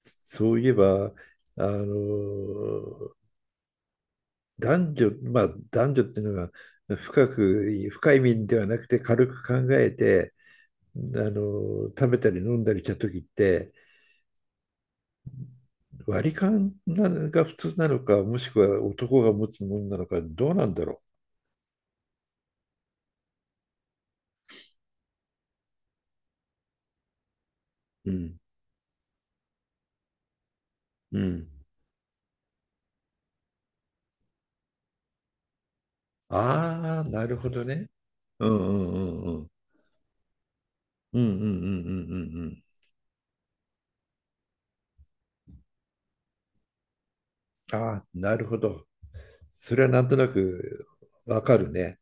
そういえば、あの、男女、まあ男女っていうのが深く、深い意味ではなくて軽く考えて、あ食べたり飲んだりした時って、割り勘なのが普通なのか、もしくは男が持つものなのか、どうなんだろう。うん、うん。ああ、なるほどね。うんうんうんうん。うんうんうんうんうんうん。ああ、なるほど。それはなんとなくわかるね。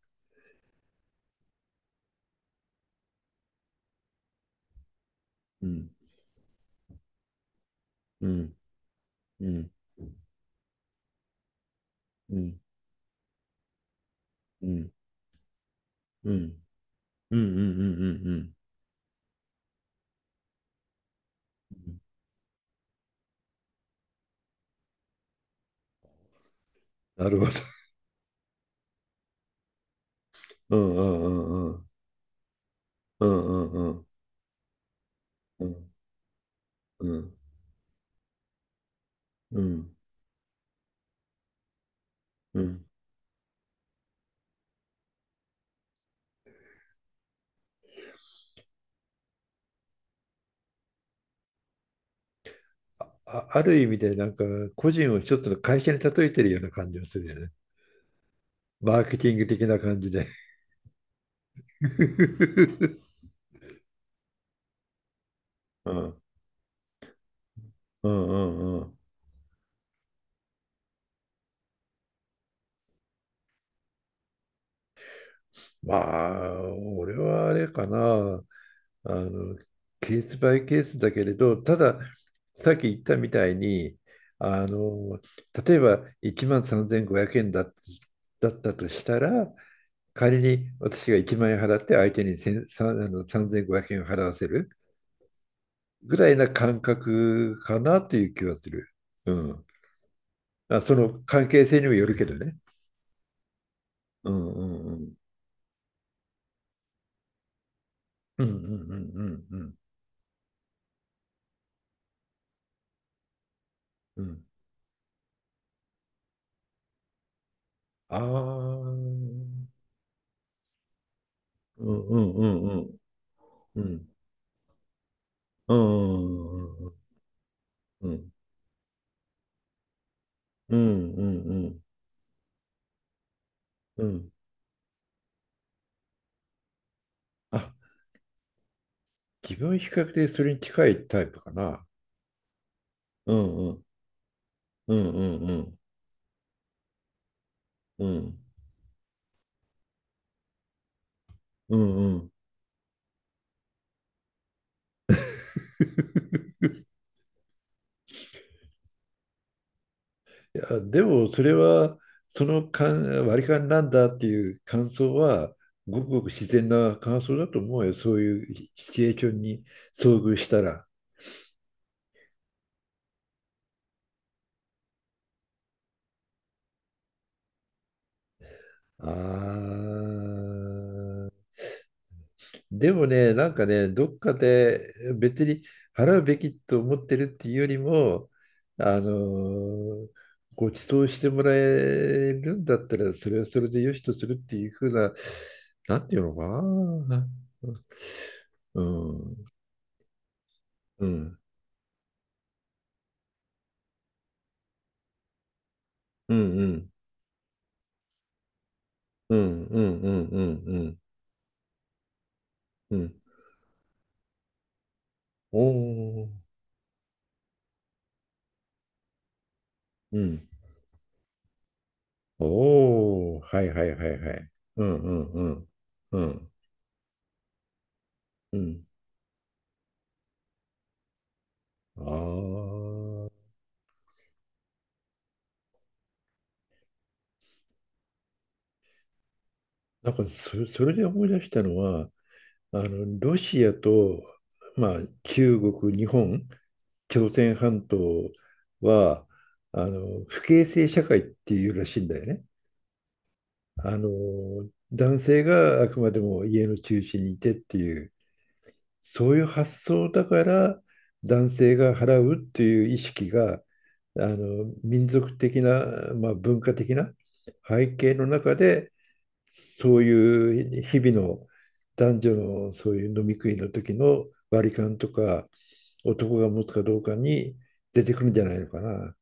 うんうんうん。うん、うん、うん、うん、うん、うん、うん、うんなるほど。うん、うん、うん、うん、うん、うん、うん、うん、うん。あ、ある意味でなんか個人を一つの会社に例えてるような感じがするよね。マーケティング的な感じで。うん、うん、うん、うん。まあ、俺はあれかな。あの、ケースバイケースだけれど、ただ、さっき言ったみたいに、あの、例えば1万3500円だったとしたら、仮に私が1万円払って相手に1 0あの3500円を払わせるぐらいな感覚かなという気がする。うん。あ、その関係性にもよるけどね。うんうんうん。うんうんうんうんうんうんうんうんああー。うんうんうん。うん。うんうんうんうんうん。うん、うん、うん、うん。あ、自分は比較的それに近いタイプかな。うん、うん、うん、うん、うん、うん、うん。いや、でもそれは、その感割り勘なんだっていう感想は、ごくごく自然な感想だと思うよ。そういうシチュエーションに遭遇したら。ああ。でもね、なんかね、どっかで別に払うべきと思ってるっていうよりも、あのご馳走してもらえるんだったら、それはそれでよしとするっていうふうな、なんていうのかな。うん、うん、うん、うん、うん、うん、うん、うん、うん、おー、うん、おー、はいはいはいはい。うん、うん、うん、うん、うん、ああ。なんかそれで思い出したのは、あのロシアと、まあ、中国、日本、朝鮮半島は不形成社会っていうらしいんだよね。あの男性があくまでも家の中心にいてっていう、そういう発想だから男性が払うっていう意識があの民族的な、まあ、文化的な背景の中でそういう日々の男女のそういう飲み食いの時の割り勘とか男が持つかどうかに出てくるんじゃないのかな。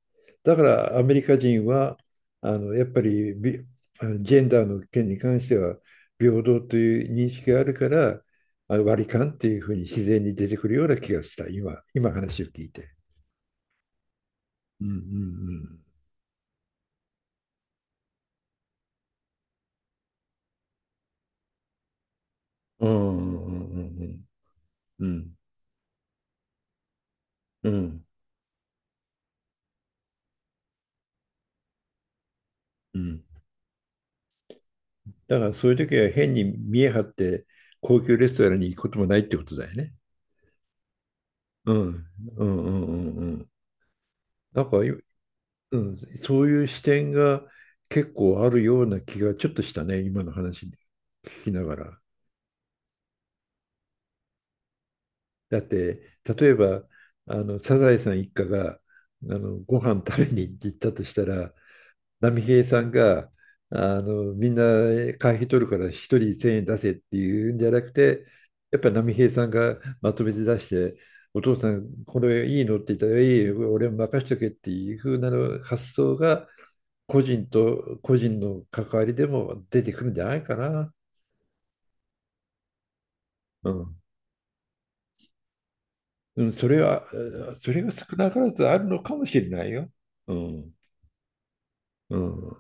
だからアメリカ人はあのやっぱりビジェンダーの件に関しては平等という認識があるから割り勘っていうふうに自然に出てくるような気がした今話を聞いて。うんうんうん。うんうんうんうんうんうんうん。だからそういう時は変に見え張って高級レストランに行くこともないってことだよね。うん。うんうんうんうん。なんかい、うん、そういう視点が結構あるような気がちょっとしたね、今の話聞きながら。だって、例えば、サザエさん一家が、ご飯食べに行ったとしたら、波平さんがあのみんな会費取るから一人1000円出せっていうんじゃなくて、やっぱり波平さんがまとめて出して、お父さんこれいいのって言ったら、いいよ俺も任しとけっていう風なの発想が個人と個人の関わりでも出てくるんじゃないかな。うんうんそれは、それが少なからずあるのかもしれないよ。うん、うん、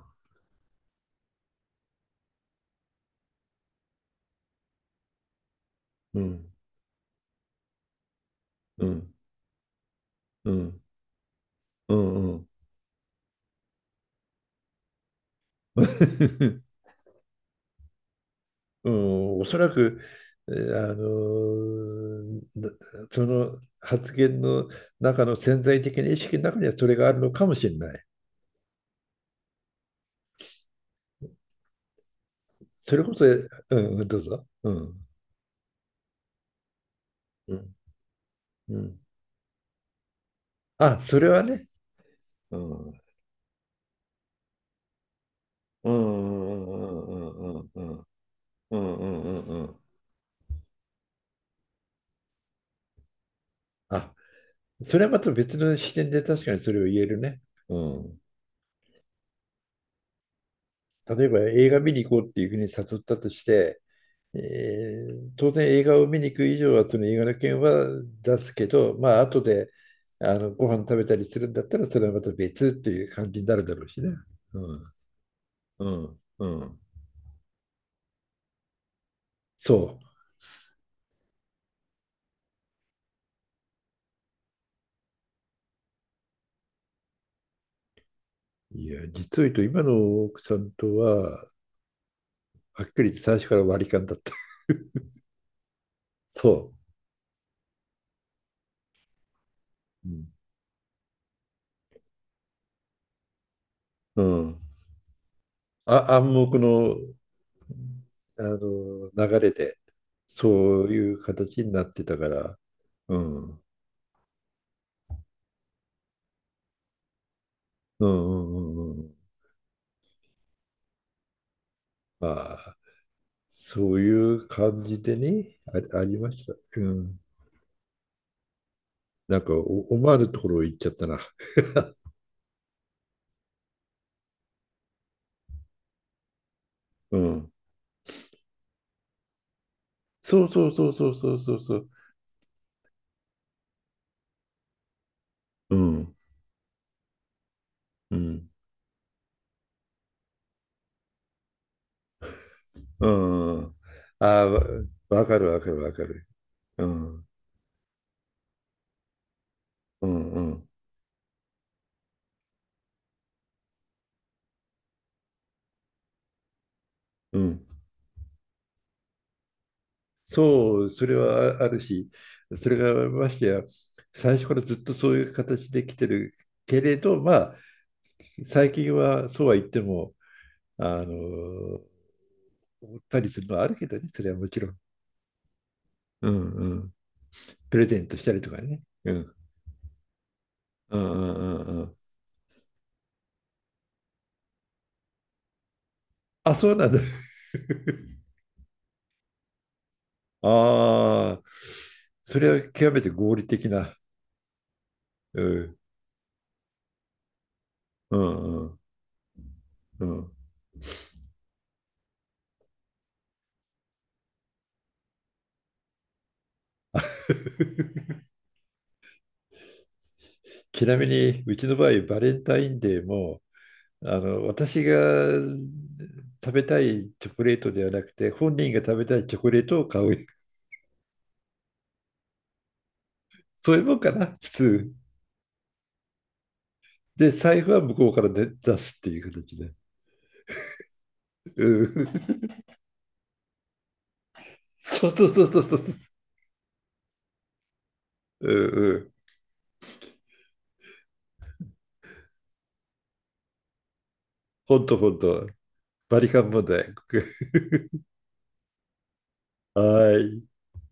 うん、うん、うん、うん、うん。うん、おそらく、えーあのーなその発言の中の潜在的な意識の中にはそれがあるのかもしれない。それこそ、えうん、うんどうぞ。うん、うん、うん。あ、それはね。うん、うん、うん、うん、うん、うん、うん、うん、うん。うんあ、それはまた別の視点で確かにそれを言えるね。うん。例えば映画見に行こうっていうふうに誘ったとして、えー当然映画を見に行く以上はその映画の件は出すけど、まあ後でご飯食べたりするんだったらそれはまた別っていう感じになるだろうしね。うんうんうんそう。いや実を言うと今の奥さんとははっきり言って最初から割り勘だった。そう。うん。うんあ、暗黙の、あの流れでそういう形になってたから。うん。うんうんうんうん。ああ、そういう感じでね、あ、ありました。うん。なんかお、思わぬところ行っちゃったな。うん。そうそうそうそうそうそうそう。うん。うん。うん。ああ、わかるわかるわかる。うん。うんうんうん。そう、それはああるし、それがましてや、最初からずっとそういう形で来てるけれど、まあ、最近はそうは言っても、あの、おったりするのはあるけどね、それはもちろん。うんうん。プレゼントしたりとかね。うん。うんうんうんうん。あ、そうなんだ。ああ、それは極めて合理的な。うん。うんうんうん。ちなみに、うちの場合、バレンタインデーも、あの、私が食べたいチョコレートではなくて、本人が食べたいチョコレートを買う。そういうもんかな、普通。で、財布は向こうから出すっていう形で。うん。そうそうそうそうそう。うんうん。ほんとほんと。バリカン問題。はい。